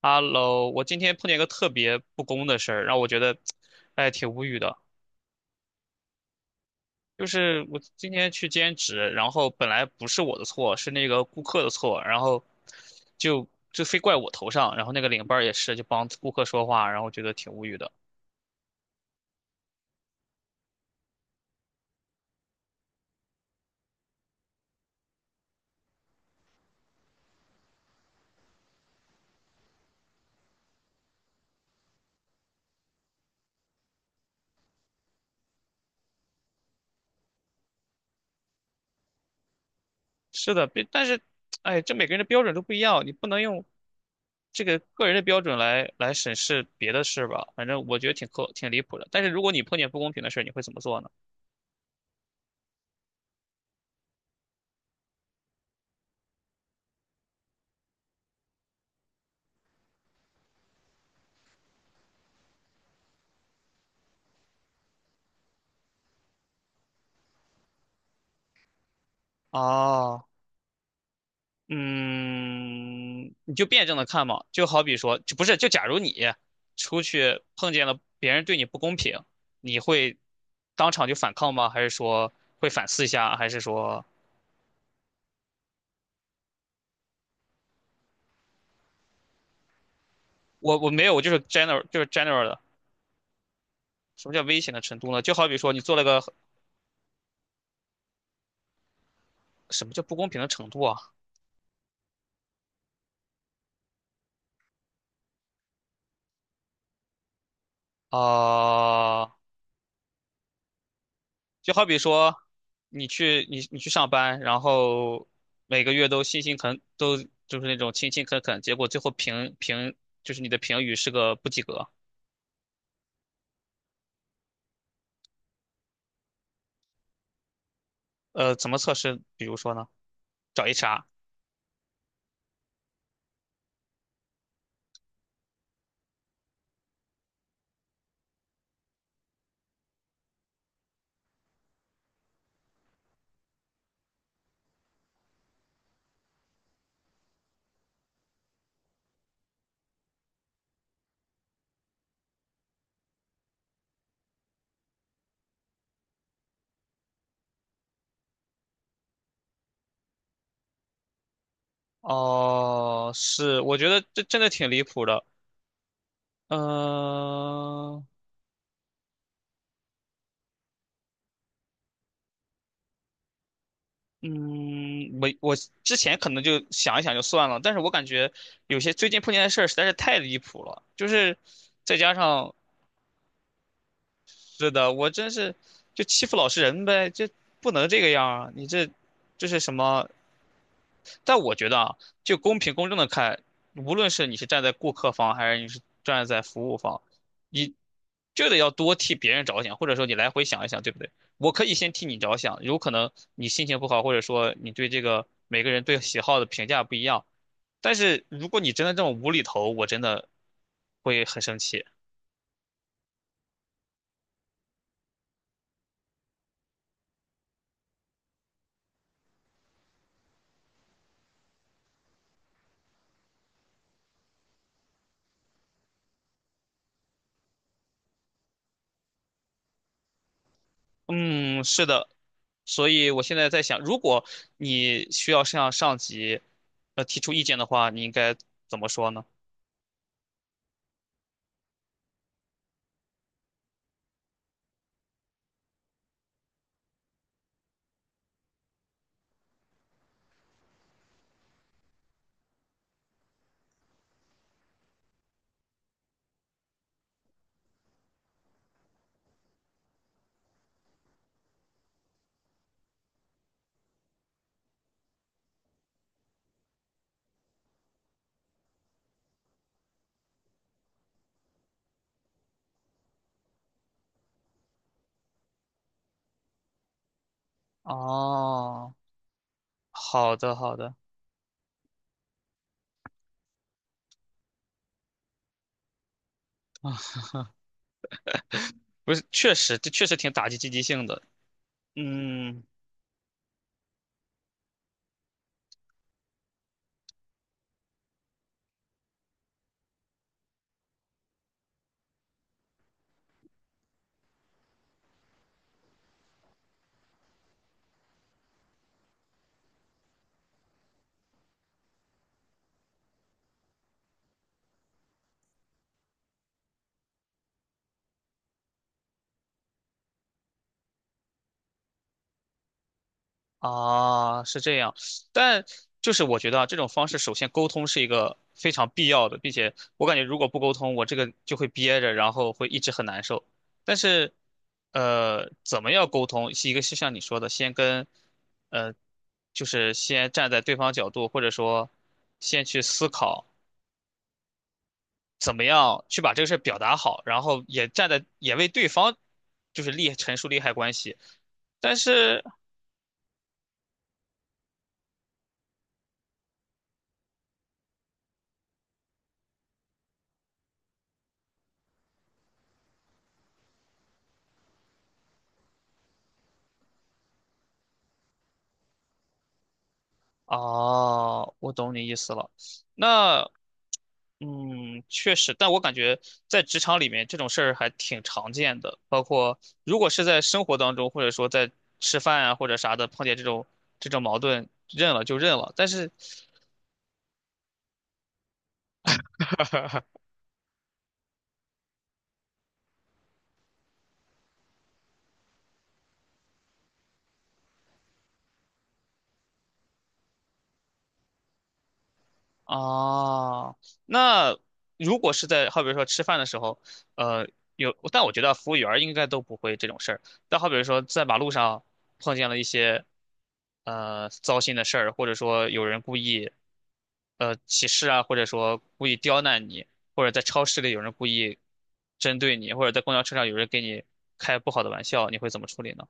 Hello，我今天碰见一个特别不公的事儿，让我觉得，哎，挺无语的。就是我今天去兼职，然后本来不是我的错，是那个顾客的错，然后就非怪我头上，然后那个领班儿也是，就帮顾客说话，然后觉得挺无语的。是的，别但是，哎，这每个人的标准都不一样，你不能用这个个人的标准来审视别的事吧？反正我觉得挺苛挺离谱的。但是如果你碰见不公平的事儿，你会怎么做呢？哦。嗯，你就辩证的看嘛，就好比说，就不是，就假如你出去碰见了别人对你不公平，你会当场就反抗吗？还是说会反思一下？还是说我没有，我就是 general 就是 general 的。什么叫危险的程度呢？就好比说你做了个什么叫不公平的程度啊？啊、就好比说，你去你去上班，然后每个月都辛辛恳都就是那种勤勤恳恳，结果最后就是你的评语是个不及格。怎么测试？比如说呢，找 HR。哦，是，我觉得这真的挺离谱的。嗯、嗯，我之前可能就想一想就算了，但是我感觉有些最近碰见的事儿实在是太离谱了，就是再加上是的，我真是就欺负老实人呗，就不能这个样啊！你这这是什么？但我觉得啊，就公平公正的看，无论是你是站在顾客方，还是你是站在服务方，你就得要多替别人着想，或者说你来回想一想，对不对？我可以先替你着想，有可能你心情不好，或者说你对这个每个人对喜好的评价不一样，但是如果你真的这么无厘头，我真的会很生气。嗯，是的，所以我现在在想，如果你需要向上级提出意见的话，你应该怎么说呢？哦，好的好的，不是，确实这确实挺打击积极性的。嗯，啊，是这样，但就是我觉得啊，这种方式首先沟通是一个非常必要的，并且我感觉如果不沟通，我这个就会憋着，然后会一直很难受。但是，呃，怎么样沟通？是一个是像你说的，先跟，呃，就是先站在对方角度，或者说先去思考怎么样去把这个事儿表达好，然后也站在也为对方就是利陈述利害关系。但是哦，我懂你意思了。那，嗯，确实，但我感觉在职场里面这种事儿还挺常见的，包括如果是在生活当中，或者说在吃饭啊或者啥的碰见这种矛盾，认了就认了。但是哦，那如果是在好比说吃饭的时候，呃，有，但我觉得服务员儿应该都不会这种事儿。但好比说在马路上碰见了一些糟心的事儿，或者说有人故意歧视啊，或者说故意刁难你，或者在超市里有人故意针对你，或者在公交车上有人给你开不好的玩笑，你会怎么处理呢？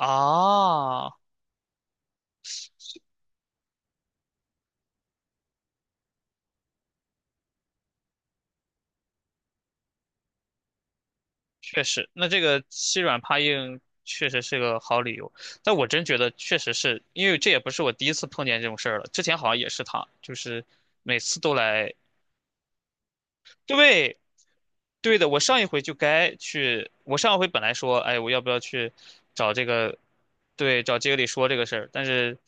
啊、确实，那这个欺软怕硬确实是个好理由，但我真觉得确实是因为这也不是我第一次碰见这种事儿了，之前好像也是他，就是每次都来，对，对的，我上一回就该去，我上一回本来说，哎，我要不要去找这个，对，找经理说这个事儿，但是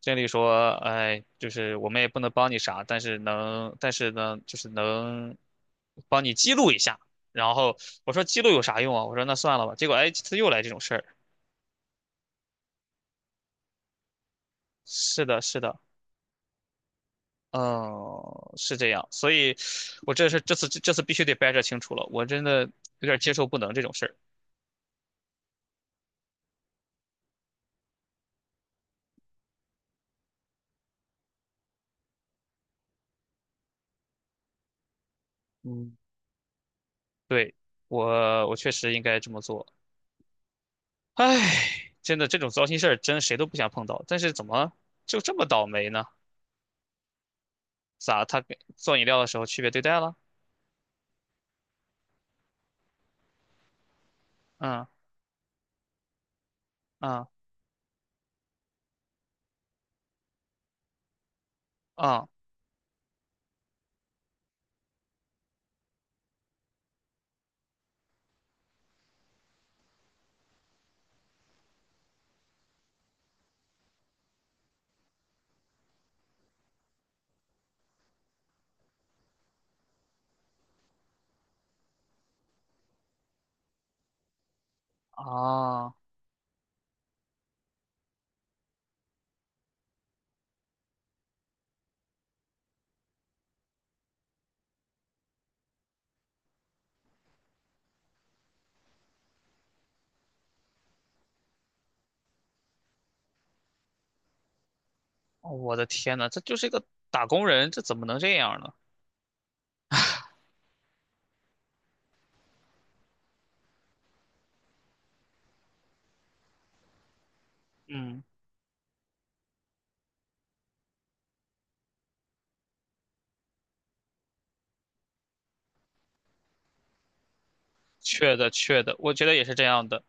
经理说，哎，就是我们也不能帮你啥，但是能，但是呢，就是能帮你记录一下。然后我说记录有啥用啊？我说那算了吧。结果哎，这次又来这种事儿。是的，是的，嗯，是这样，所以我这是这次必须得掰扯清楚了，我真的有点接受不能这种事儿。嗯对，我确实应该这么做。唉，真的这种糟心事儿，真谁都不想碰到。但是怎么就这么倒霉呢？咋他给做饮料的时候区别对待了？嗯嗯嗯啊！我的天呐，这就是一个打工人，这怎么能这样呢？嗯。确的，确的，我觉得也是这样的，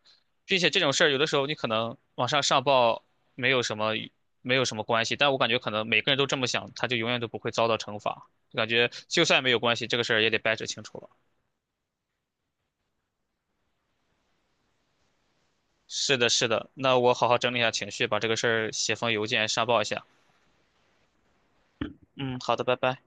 并且这种事儿有的时候你可能往上上报没有什么没有什么关系，但我感觉可能每个人都这么想，他就永远都不会遭到惩罚。感觉就算没有关系，这个事儿也得掰扯清楚了。是的，是的，那我好好整理一下情绪，把这个事儿写封邮件上报一下。嗯，好的，拜拜。